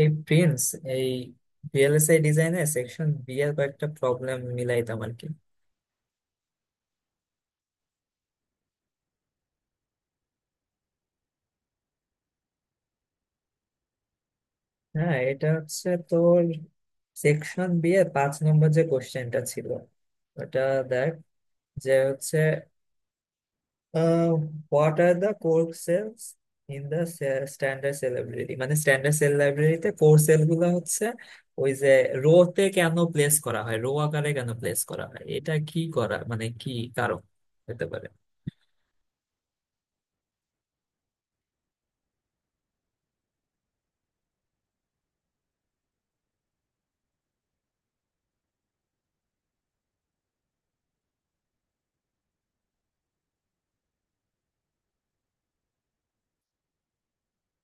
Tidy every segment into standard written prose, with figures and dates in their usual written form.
এই প্রিন্স, এই ভিএলএসআই ডিজাইনে সেকশন বি এর কয়েকটা প্রবলেম মিলাইতাম আর কি। হ্যাঁ, এটা হচ্ছে তোর সেকশন বি এর 5 নম্বর যে কোশ্চেনটা ছিল ওটা। দেখ, যে হচ্ছে what are the core cells in the standard cell library. মানে স্ট্যান্ডার্ড সেল লাইব্রেরিতে কোর সেল গুলো হচ্ছে ওই যে রো তে কেন প্লেস করা হয়, রো আকারে কেন প্লেস করা হয়, এটা কি করা মানে কি কারণ হতে পারে।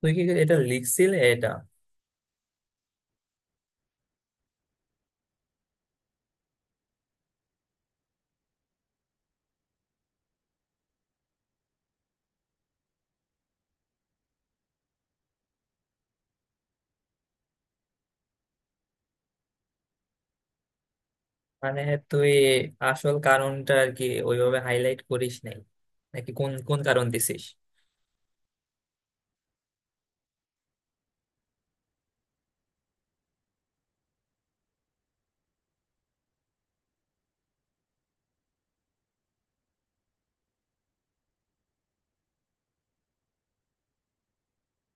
তুই কি এটা লিখছিলে এটা? মানে তুই আসল কারণটা আর কি ওইভাবে হাইলাইট করিস নাই, নাকি কোন কোন কারণ দিছিস?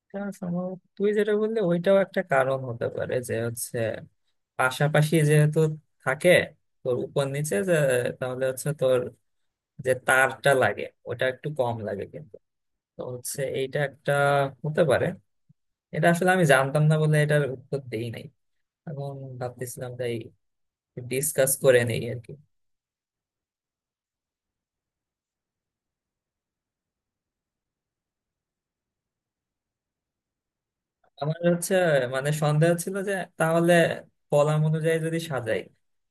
এটা সম্ভবত তুই যেটা বললি ওইটাও একটা কারণ হতে পারে, যে হচ্ছে পাশাপাশি যেহেতু থাকে তোর উপর নিচে যে, তাহলে হচ্ছে তোর যে তারটা লাগে ওটা একটু কম লাগে। তো হচ্ছে এইটা একটা হতে পারে। এটা আসলে আমি জানতাম না বলে এটার উত্তর দেই নাই, এখন ভাবতেছিলাম, তাই ডিসকাস করে নেই আর কি। আমার হচ্ছে মানে সন্দেহ ছিল যে তাহলে কলাম অনুযায়ী যদি সাজাই,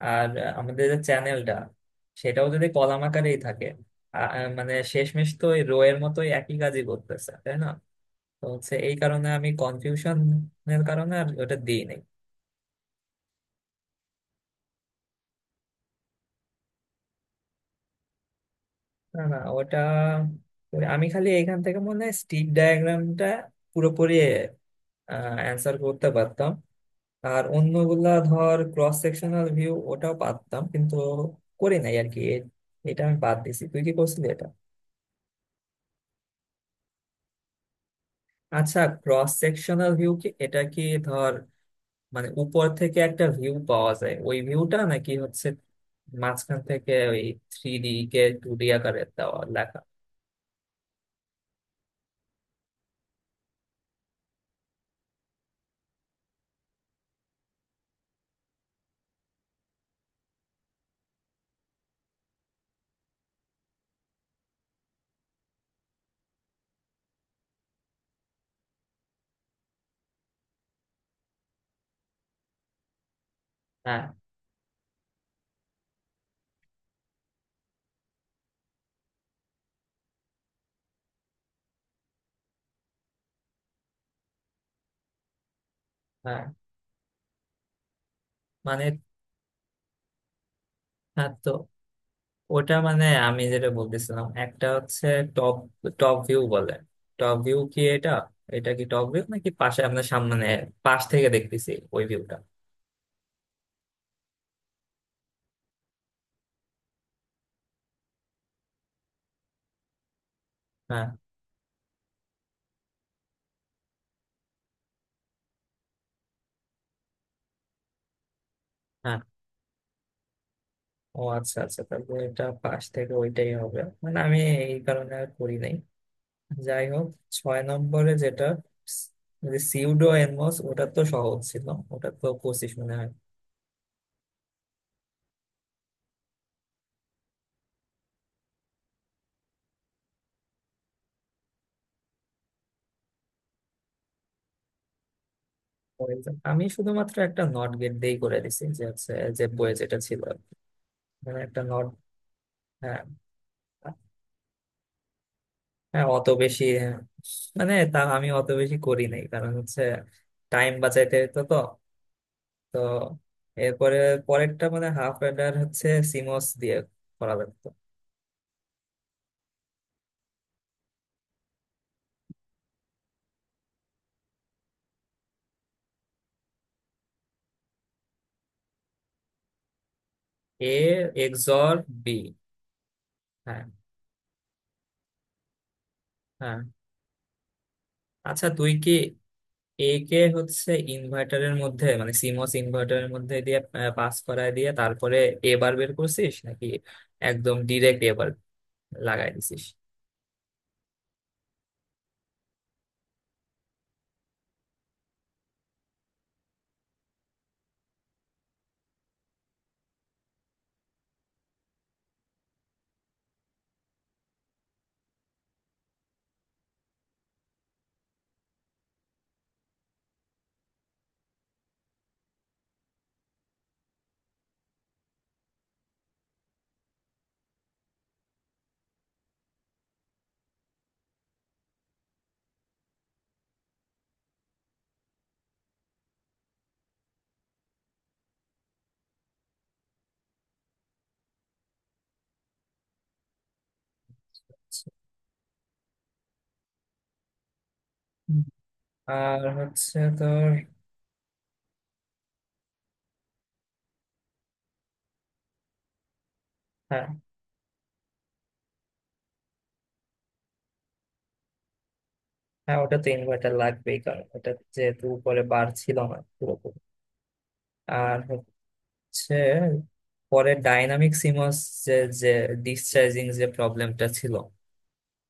আর আমাদের যে চ্যানেলটা সেটাও যদি কলাম আকারেই থাকে, মানে শেষমেশ তো ওই রো এর মতোই একই কাজই করতেছে, তাই না? তো হচ্ছে এই কারণে, আমি কনফিউশনের কারণে আর ওটা দিই নাই। না না, ওটা ওই আমি খালি এখান থেকে মনে হয় স্টিক ডায়াগ্রামটা পুরোপুরি অ্যান্সার করতে পারতাম, আর অন্যগুলা ধর ক্রস সেকশনাল ভিউ ওটাও পারতাম, কিন্তু করি নাই আর কি। এটা আমি বাদ দিছি। তুই কি করছিলি এটা? আচ্ছা, ক্রস সেকশনাল ভিউ কি এটা কি? ধর, মানে উপর থেকে একটা ভিউ পাওয়া যায়, ওই ভিউটা নাকি হচ্ছে মাঝখান থেকে ওই থ্রি ডি কে টু ডি আকারে দেওয়া লেখা? হ্যাঁ, হ্যাঁ, মানে হ্যাঁ। তো ওটা মানে আমি যেটা বলতেছিলাম, একটা হচ্ছে টপ টপ ভিউ বলে। টপ ভিউ কি এটা? এটা কি টপ ভিউ, নাকি পাশে আপনার সামনে, পাশ থেকে দেখতেছি ওই ভিউটা? হ্যাঁ, হ্যাঁ। ও, আচ্ছা আচ্ছা, তাহলে এটা পাশ থেকে ওইটাই হবে মানে। আমি এই কারণে আর করি নাই। যাই হোক, 6 নম্বরে যেটা, যে সিউডো এনমস, ওটা তো সহজ ছিল। ওটা তো 25 মনে হয় হয়ে যায়। আমি শুধুমাত্র একটা নট গেট দিয়েই করে দিছি, যে হচ্ছে যে বইয়ে যেটা ছিল আর কি। মানে একটা নট। হ্যাঁ হ্যাঁ, অত বেশি হ্যাঁ, মানে তা আমি অত বেশি করি নাই, কারণ হচ্ছে টাইম বাঁচাইতে হইতো তো। তো এরপরে পরেরটা, মানে হাফ অর্ডার হচ্ছে সিমস দিয়ে করা লাগতো। এ এক্সর বি। হ্যাঁ হ্যাঁ। আচ্ছা তুই কি এ কে হচ্ছে ইনভার্টারের মধ্যে মানে সিমস ইনভার্টারের মধ্যে দিয়ে পাস করায় দিয়ে তারপরে এ বার বের করছিস, নাকি একদম ডিরেক্ট এ বার লাগাই দিছিস? হুম। আর হচ্ছে তোর, হ্যাঁ হ্যাঁ, ওটা তো ইনভার্টার লাগবেই, কারণ ওটা যেহেতু উপরে বার ছিল না পুরোপুরি। আর হচ্ছে পরে ডাইনামিক সিমস, যে যে ডিসচার্জিং যে প্রবলেমটা ছিল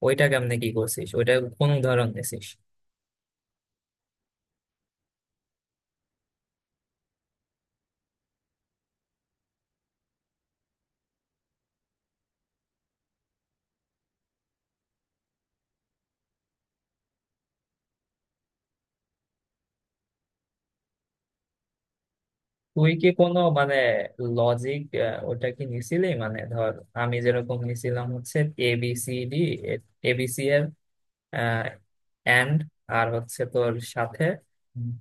ওইটা কেমনে কি করছিস, ওইটা কোন উদাহরণ নিছিস? তুই কি কোনো মানে লজিক ওটা কি নিছিলি, মানে ধর আমি যেরকম নিছিলাম হচ্ছে এবিসিডি, এবিসি অ্যান্ড, আর হচ্ছে তোর সাথে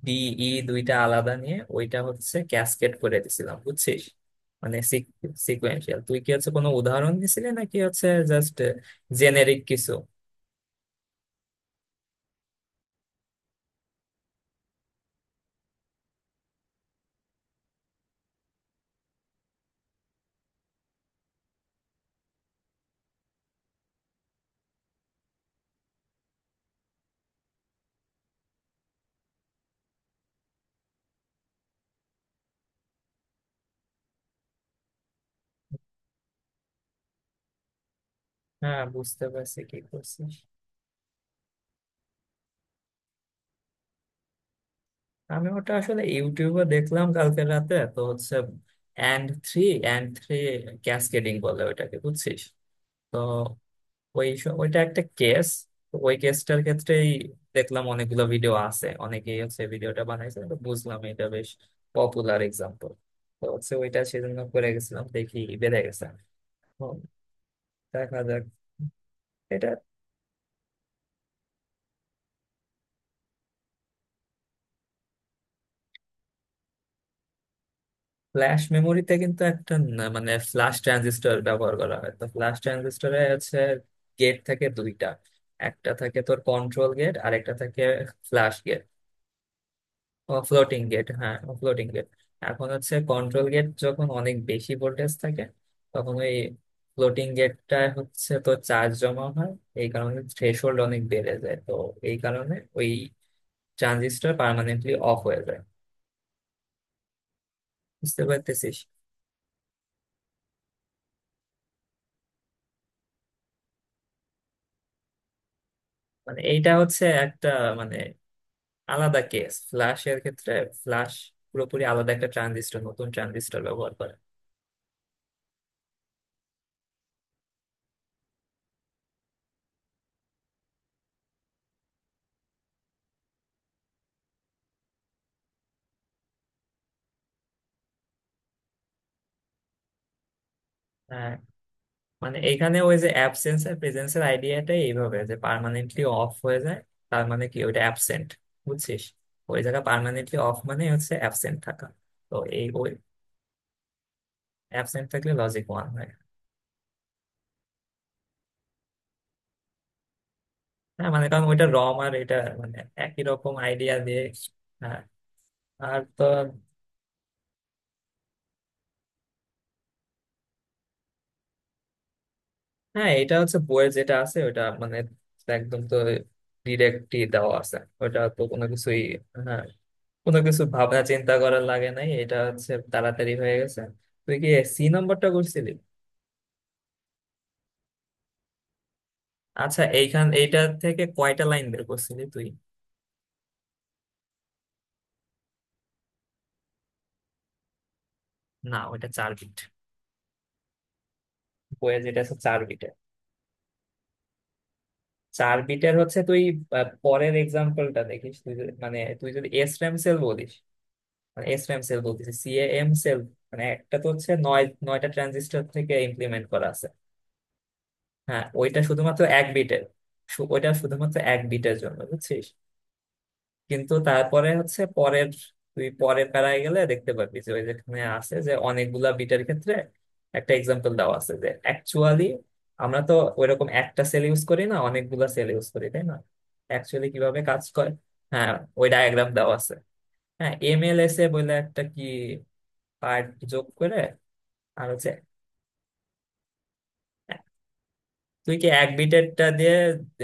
ডিই দুইটা আলাদা নিয়ে ওইটা হচ্ছে ক্যাসকেড করে দিছিলাম, বুঝছিস? মানে সিকুয়েন্সিয়াল। তুই কি হচ্ছে কোনো উদাহরণ দিছিলি, নাকি হচ্ছে জাস্ট জেনেরিক কিছু? হ্যাঁ, বুঝতে পারছি কি করছিস। আমি ওটা আসলে ইউটিউবে দেখলাম কালকে রাতে। তো হচ্ছে and three and three cascading বলে ওইটাকে, বুঝছিস? তো ওইটা একটা কেস। ওই কেসটার ক্ষেত্রেই দেখলাম অনেকগুলো ভিডিও আছে, অনেকেই হচ্ছে ভিডিওটা বানাইছে, তো বুঝলাম এটা বেশ পপুলার এক্সাম্পল। তো হচ্ছে ওইটা সেজন্য করে গেছিলাম, দেখি বেড়ে গেছে। হুম, দেখা যাক। এটা ফ্ল্যাশ মেমোরিতে কিন্তু একটা মানে ফ্ল্যাশ ট্রানজিস্টর ব্যবহার করা হয়। তো ফ্ল্যাশ ট্রানজিস্টরে হচ্ছে গেট থাকে দুইটা। একটা থাকে তোর কন্ট্রোল গেট, আর একটা থাকে ফ্ল্যাশ গেট। ফ্লোটিং গেট, হ্যাঁ ফ্লোটিং গেট। এখন হচ্ছে কন্ট্রোল গেট যখন অনেক বেশি ভোল্টেজ থাকে, তখন ওই ফ্লোটিং গেটটা হচ্ছে তো চার্জ জমা হয়। এই কারণে থ্রেশহোল্ড অনেক বেড়ে যায়, তো এই কারণে ওই ট্রানজিস্টর পার্মানেন্টলি অফ হয়ে যায়। বুঝতে পারতেছিস? মানে এইটা হচ্ছে একটা মানে আলাদা কেস ফ্ল্যাশ এর ক্ষেত্রে। ফ্ল্যাশ পুরোপুরি আলাদা একটা ট্রানজিস্টর, নতুন ট্রানজিস্টর ব্যবহার করে। হ্যাঁ, মানে এখানে ওই যে অ্যাবসেন্স আর প্রেজেন্সের আইডিয়াটাই এইভাবে যে পার্মানেন্টলি অফ হয়ে যায়, তার মানে কি ওইটা অ্যাবসেন্ট, বুঝছিস? ওই জায়গা পার্মানেন্টলি অফ মানে হচ্ছে অ্যাবসেন্ট থাকা। তো এই ওই অ্যাবসেন্ট থাকলে লজিক ওয়ান হয়। হ্যাঁ, মানে কারণ ওইটা রম আর এটা মানে একই রকম আইডিয়া দিয়ে। হ্যাঁ। আর তো, হ্যাঁ, এটা হচ্ছে বইয়ে যেটা আছে ওইটা মানে একদম তো ডিরেক্টই দেওয়া আছে। ওটা তো কোনো কিছুই, হ্যাঁ, কোনো কিছু ভাবনা চিন্তা করার লাগে নাই। এটা হচ্ছে তাড়াতাড়ি হয়ে গেছে। তুই কি সি নাম্বারটা করছিলি? আচ্ছা, এইখান এইটা থেকে কয়টা লাইন বের করছিলি তুই? না ওইটা 4 বিট। বইয়ে যেটা আছে 4 বিটের। 4 বিটের হচ্ছে তুই, আহ, পরের এক্সাম্পলটা দেখিস। মানে তুই যদি এস র্যাম সেল বলিস, মানে এস র্যাম সেল বলতিস সি এম সেল। মানে একটা তো হচ্ছে নয়টা ট্রানজিস্টর থেকে ইমপ্লিমেন্ট করা আছে। হ্যাঁ, ওইটা শুধুমাত্র এক বিটের। ওইটা শুধুমাত্র এক বিটের জন্য, বুঝছিস? কিন্তু তারপরে হচ্ছে পরের, তুই পরের প্যারায় গেলে দেখতে পাবি যে ওই, যেখানে আছে যে অনেকগুলা বিটের ক্ষেত্রে একটা এক্সাম্পল দেওয়া আছে, যে অ্যাকচুয়ালি আমরা তো ওইরকম একটা সেল ইউজ করি না, অনেকগুলা সেল ইউজ করি, তাই না? অ্যাকচুয়ালি কিভাবে কাজ করে, হ্যাঁ, ওই ডায়াগ্রাম দেওয়া আছে। হ্যাঁ, এম এল এস এ বলে একটা কি পার্ট যোগ করে। আর হচ্ছে, তুই কি এক বিটেরটা দিয়ে,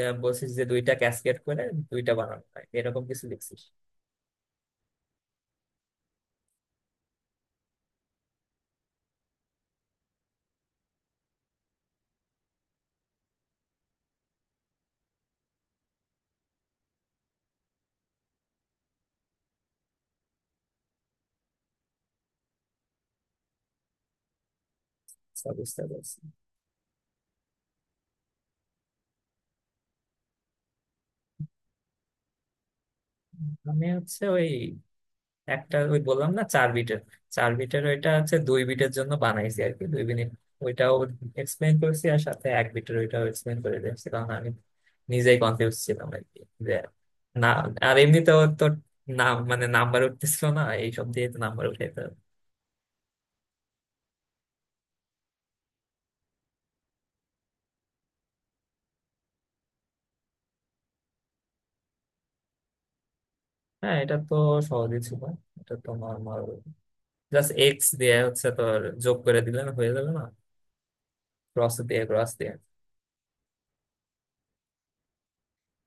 আহ, বলছিস যে দুইটা ক্যাসকেড করে দুইটা বানানো হয় এরকম কিছু লিখছিস? আচ্ছা, বুঝতে পারছি। আমি হচ্ছে ওই একটা ওই বললাম না 4 বিটের, চার বিটের ওইটা হচ্ছে 2 বিটের জন্য বানাইছি আর কি 2 মিনিট। ওইটাও এক্সপ্লেন করেছি, আর সাথে এক বিটের ওইটাও এক্সপ্লেন করে দিয়েছি, কারণ আমি নিজেই কনফিউজ ছিলাম আর কি যে, না, আর এমনিতেও তো নাম মানে নাম্বার উঠতেছিল না, এইসব দিয়ে তো নাম্বার উঠাইতে হবে। হ্যাঁ, এটা তো সহজই ছিল। এটা তো নর্মাল, জাস্ট এক্স দিয়ে হচ্ছে তোর যোগ করে দিলে না হয়ে যাবে না, ক্রস দিয়ে।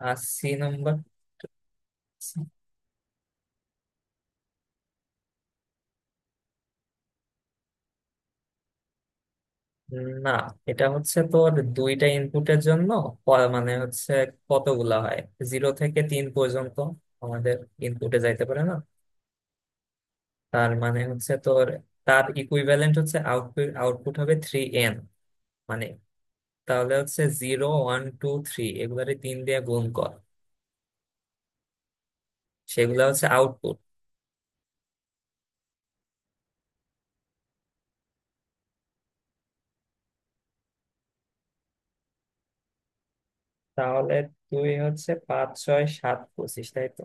আর সি নাম্বার, না এটা হচ্ছে তোর দুইটা ইনপুটের জন্য মানে হচ্ছে কতগুলা হয়, জিরো থেকে তিন পর্যন্ত আমাদের ইনপুটে যাইতে পারে না। তার মানে হচ্ছে তোর, তার ইকুইভ্যালেন্ট হচ্ছে আউটপুট, আউটপুট হবে থ্রি এন। মানে তাহলে হচ্ছে জিরো ওয়ান টু থ্রি, এগুলারে তিন দিয়ে গুণ কর, সেগুলা হচ্ছে আউটপুট। তাহলে তুই হচ্ছে পাঁচ ছয় সাত পঁচিশ, তাই তো?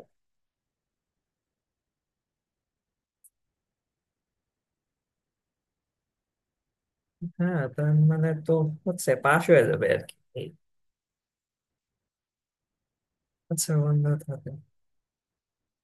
হ্যাঁ, তার মানে তো হচ্ছে পাশ হয়ে যাবে আর কি, এই। আচ্ছা বন্ধু।